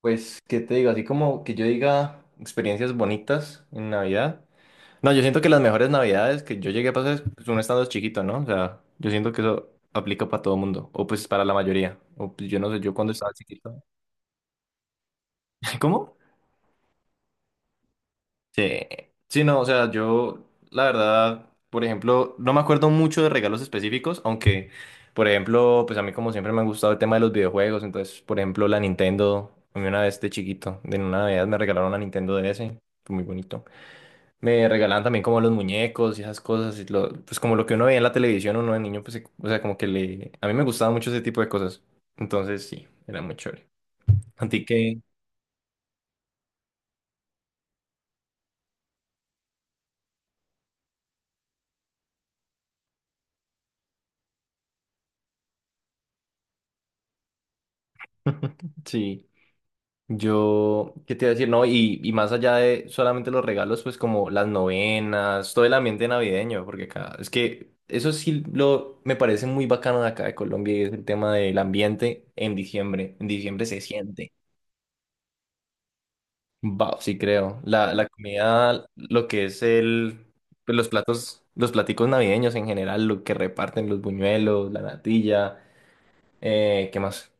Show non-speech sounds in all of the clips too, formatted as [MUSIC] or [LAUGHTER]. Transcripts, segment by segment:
Pues, ¿qué te digo? Así como que yo diga experiencias bonitas en Navidad. No, yo siento que las mejores Navidades que yo llegué a pasar es pues, uno estando chiquito, ¿no? O sea, yo siento que eso aplica para todo mundo, o pues para la mayoría. O pues yo no sé, yo cuando estaba chiquito. [LAUGHS] ¿Cómo? Sí. Sí, no, o sea, yo, la verdad, por ejemplo, no me acuerdo mucho de regalos específicos, aunque, por ejemplo, pues a mí como siempre me ha gustado el tema de los videojuegos, entonces, por ejemplo, la Nintendo, a mí una vez de chiquito, de una Navidad me regalaron una Nintendo DS, fue muy bonito. Me regalaban también como los muñecos y esas cosas, y pues como lo que uno veía en la televisión, uno de niño, pues, o sea, como que le... A mí me gustaba mucho ese tipo de cosas. Entonces, sí, era muy chévere. ¿A ti qué? [LAUGHS] Sí, yo, ¿qué te iba a decir? No, y más allá de solamente los regalos, pues como las novenas, todo el ambiente navideño, porque acá, es que eso sí lo, me parece muy bacano de acá de Colombia, y es el tema del ambiente en diciembre. En diciembre se siente. Wow, sí creo. La comida, lo que es el, pues, los platos, los platicos navideños en general, lo que reparten, los buñuelos, la natilla, ¿qué más?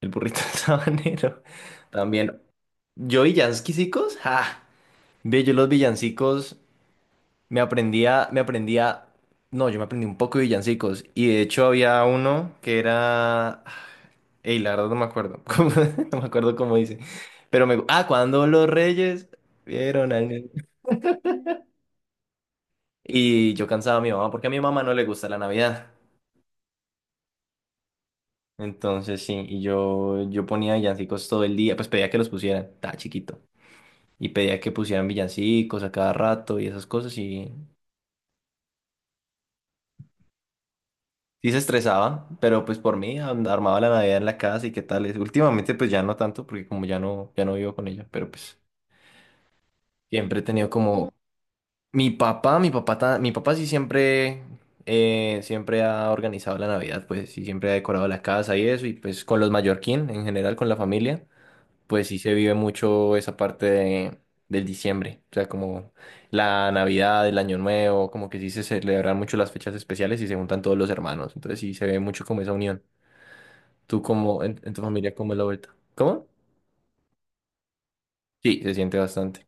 El burrito [LAUGHS] del sabanero. También. Yo villancicos, ve, yo los villancicos. Me aprendía, no, yo me aprendí un poco de villancicos y de hecho había uno que era, la verdad no me acuerdo, [LAUGHS] no me acuerdo cómo dice, pero me, cuando los reyes vieron al niño. Y yo cansaba a mi mamá porque a mi mamá no le gusta la Navidad, entonces sí, y yo ponía villancicos todo el día, pues pedía que los pusieran, estaba chiquito, y pedía que pusieran villancicos a cada rato y esas cosas y sí se estresaba, pero pues por mí armaba la Navidad en la casa y qué tal es. Últimamente pues ya no tanto porque como ya no vivo con ella, pero pues siempre he tenido como... Mi papá, mi papá sí siempre, siempre ha organizado la Navidad, pues sí siempre ha decorado la casa y eso, y pues con los mallorquín en general, con la familia, pues sí se vive mucho esa parte del diciembre, o sea, como la Navidad, el Año Nuevo, como que sí se celebran mucho las fechas especiales y se juntan todos los hermanos, entonces sí se ve mucho como esa unión. ¿Tú cómo, en tu familia, cómo es la vuelta? ¿Cómo? Sí, se siente bastante.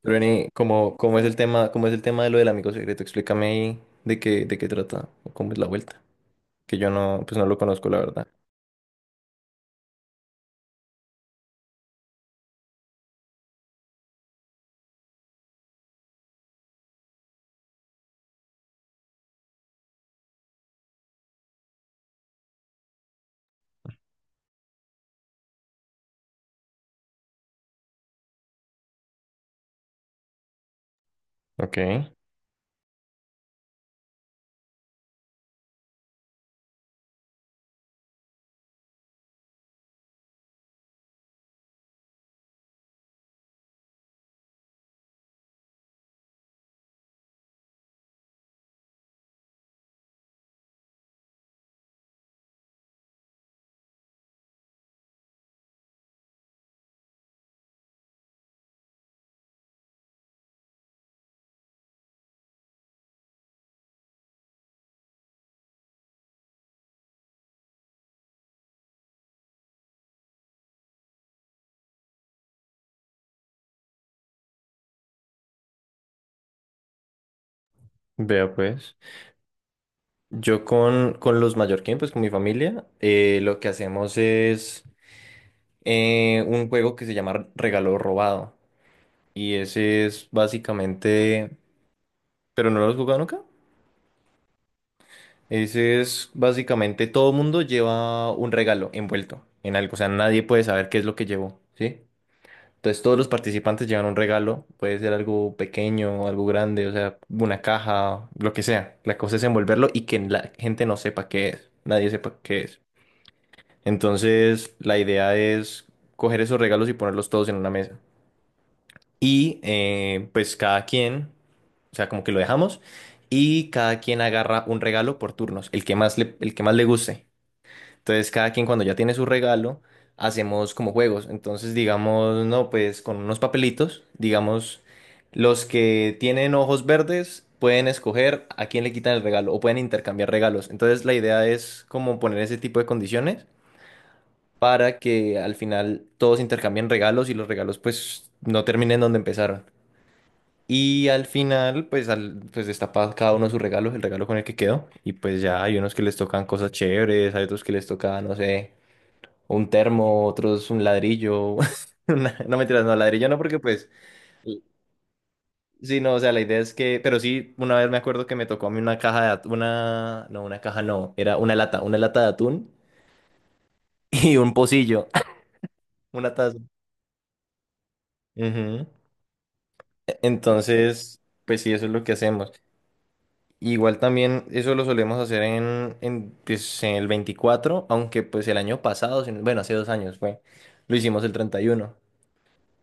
Pero Reni, ¿cómo es el tema, cómo es el tema de lo del amigo secreto? Explícame ahí de qué trata, o cómo es la vuelta. Que yo no, pues no lo conozco, la verdad. Ok, vea pues. Yo con los mallorquín, pues con mi familia, lo que hacemos es un juego que se llama Regalo Robado. Y ese es básicamente... ¿Pero no lo has jugado nunca? Ese es básicamente todo mundo lleva un regalo envuelto en algo, o sea, nadie puede saber qué es lo que llevó, ¿sí? Entonces todos los participantes llevan un regalo, puede ser algo pequeño, algo grande, o sea, una caja, lo que sea. La cosa es envolverlo y que la gente no sepa qué es, nadie sepa qué es. Entonces la idea es coger esos regalos y ponerlos todos en una mesa. Y pues cada quien, o sea, como que lo dejamos y cada quien agarra un regalo por turnos, el que más le guste. Entonces, cada quien cuando ya tiene su regalo, hacemos como juegos. Entonces, digamos, no, pues con unos papelitos, digamos, los que tienen ojos verdes pueden escoger a quién le quitan el regalo o pueden intercambiar regalos. Entonces, la idea es como poner ese tipo de condiciones para que al final todos intercambien regalos y los regalos pues no terminen donde empezaron. Y al final, pues, pues destapa cada uno sus regalos, el regalo con el que quedó. Y pues ya hay unos que les tocan cosas chéveres, hay otros que les toca, no sé, un termo, otros un ladrillo. [LAUGHS] No mentiras, no, ladrillo no, porque pues, sí, no, o sea, la idea es que, pero sí, una vez me acuerdo que me tocó a mí una caja de atún, una, no, una caja no, era una lata de atún [LAUGHS] y un pocillo, [LAUGHS] una taza. Ujú. Entonces, pues sí, eso es lo que hacemos. Igual también eso lo solemos hacer en, pues, en el 24, aunque pues el año pasado, bueno, hace 2 años fue, lo hicimos el 31.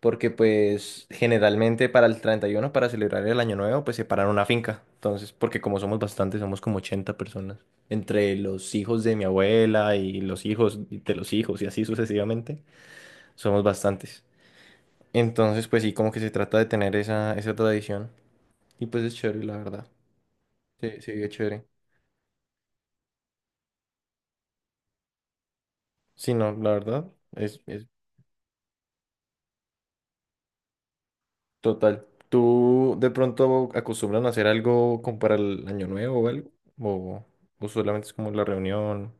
Porque pues generalmente para el 31 para celebrar el año nuevo, pues separan una finca. Entonces, porque como somos bastantes, somos como 80 personas, entre los hijos de mi abuela y los hijos de los hijos y así sucesivamente, somos bastantes. Entonces, pues sí, como que se trata de tener esa tradición y pues es chévere, la verdad. Sí, sí, es chévere. Sí, no, la verdad, es total. ¿Tú de pronto acostumbran a hacer algo como para el año nuevo o algo? ¿O, o solamente es como la reunión?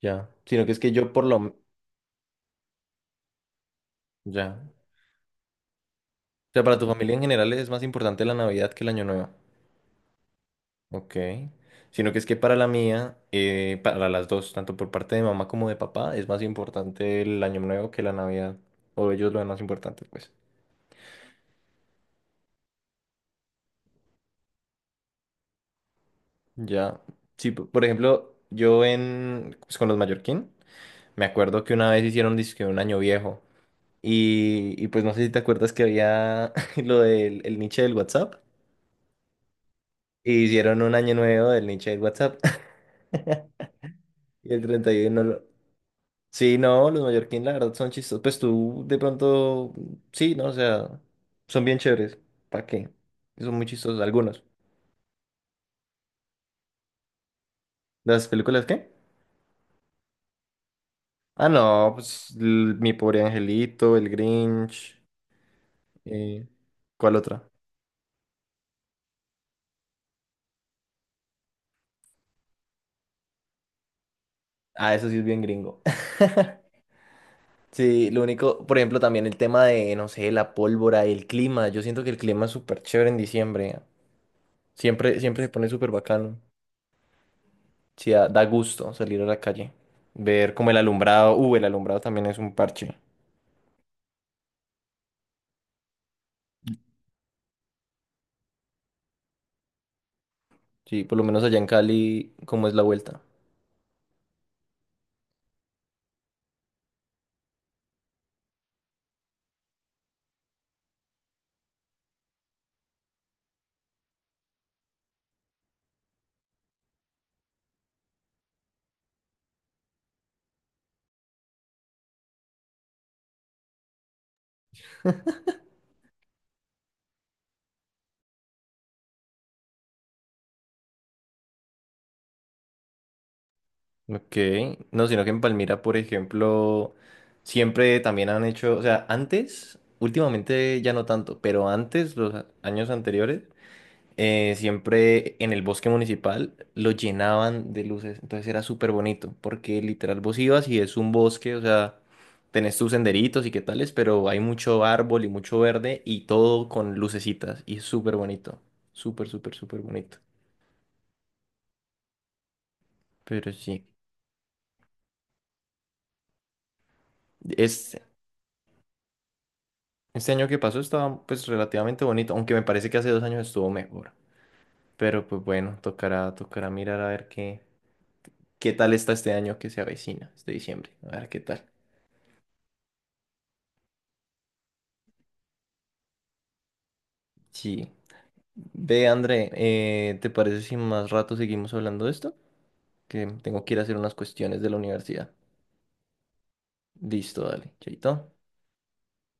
Ya, sino que es que yo por lo... Ya. O sea, para tu familia en general es más importante la Navidad que el Año Nuevo. Ok. Sino que es que para la mía, para las dos, tanto por parte de mamá como de papá, es más importante el Año Nuevo que la Navidad. O ellos lo ven más importante, pues. Ya. Sí, por ejemplo, yo en... Pues con los mallorquín, me acuerdo que una vez hicieron dizque un Año Viejo. Y pues no sé si te acuerdas que había [LAUGHS] lo del el niche del WhatsApp. Y hicieron un Año Nuevo del niche del WhatsApp. [LAUGHS] Y el 31 lo... Sí, no, los mallorquín la verdad son chistosos. Pues tú de pronto, sí, ¿no? O sea, son bien chéveres. ¿Para qué? Son muy chistosos algunos. ¿Las películas qué? Ah, no, pues Mi Pobre Angelito, El Grinch. eh, ¿Cuál otra? Ah, eso sí es bien gringo. [LAUGHS] Sí, lo único, por ejemplo, también el tema de, no sé, la pólvora, el clima. Yo siento que el clima es súper chévere en diciembre. Siempre, siempre se pone súper bacano. Sí, da gusto salir a la calle, ver como el alumbrado también es un parche. Sí, por lo menos allá en Cali, ¿cómo es la vuelta? Ok, no, sino que en Palmira, por ejemplo, siempre también han hecho, o sea, antes, últimamente ya no tanto, pero antes, los años anteriores, siempre en el bosque municipal lo llenaban de luces, entonces era súper bonito, porque literal vos ibas y es un bosque, o sea, tenés tus senderitos y qué tales, pero hay mucho árbol y mucho verde y todo con lucecitas y es súper bonito, súper, súper, súper bonito. Pero sí, es, este año que pasó estaba pues relativamente bonito, aunque me parece que hace 2 años estuvo mejor. Pero pues bueno, tocará, tocará mirar a ver qué tal está este año que se avecina, este diciembre, a ver qué tal. Sí. Ve, André, ¿te parece si más rato seguimos hablando de esto? Que tengo que ir a hacer unas cuestiones de la universidad. Listo, dale, chaito.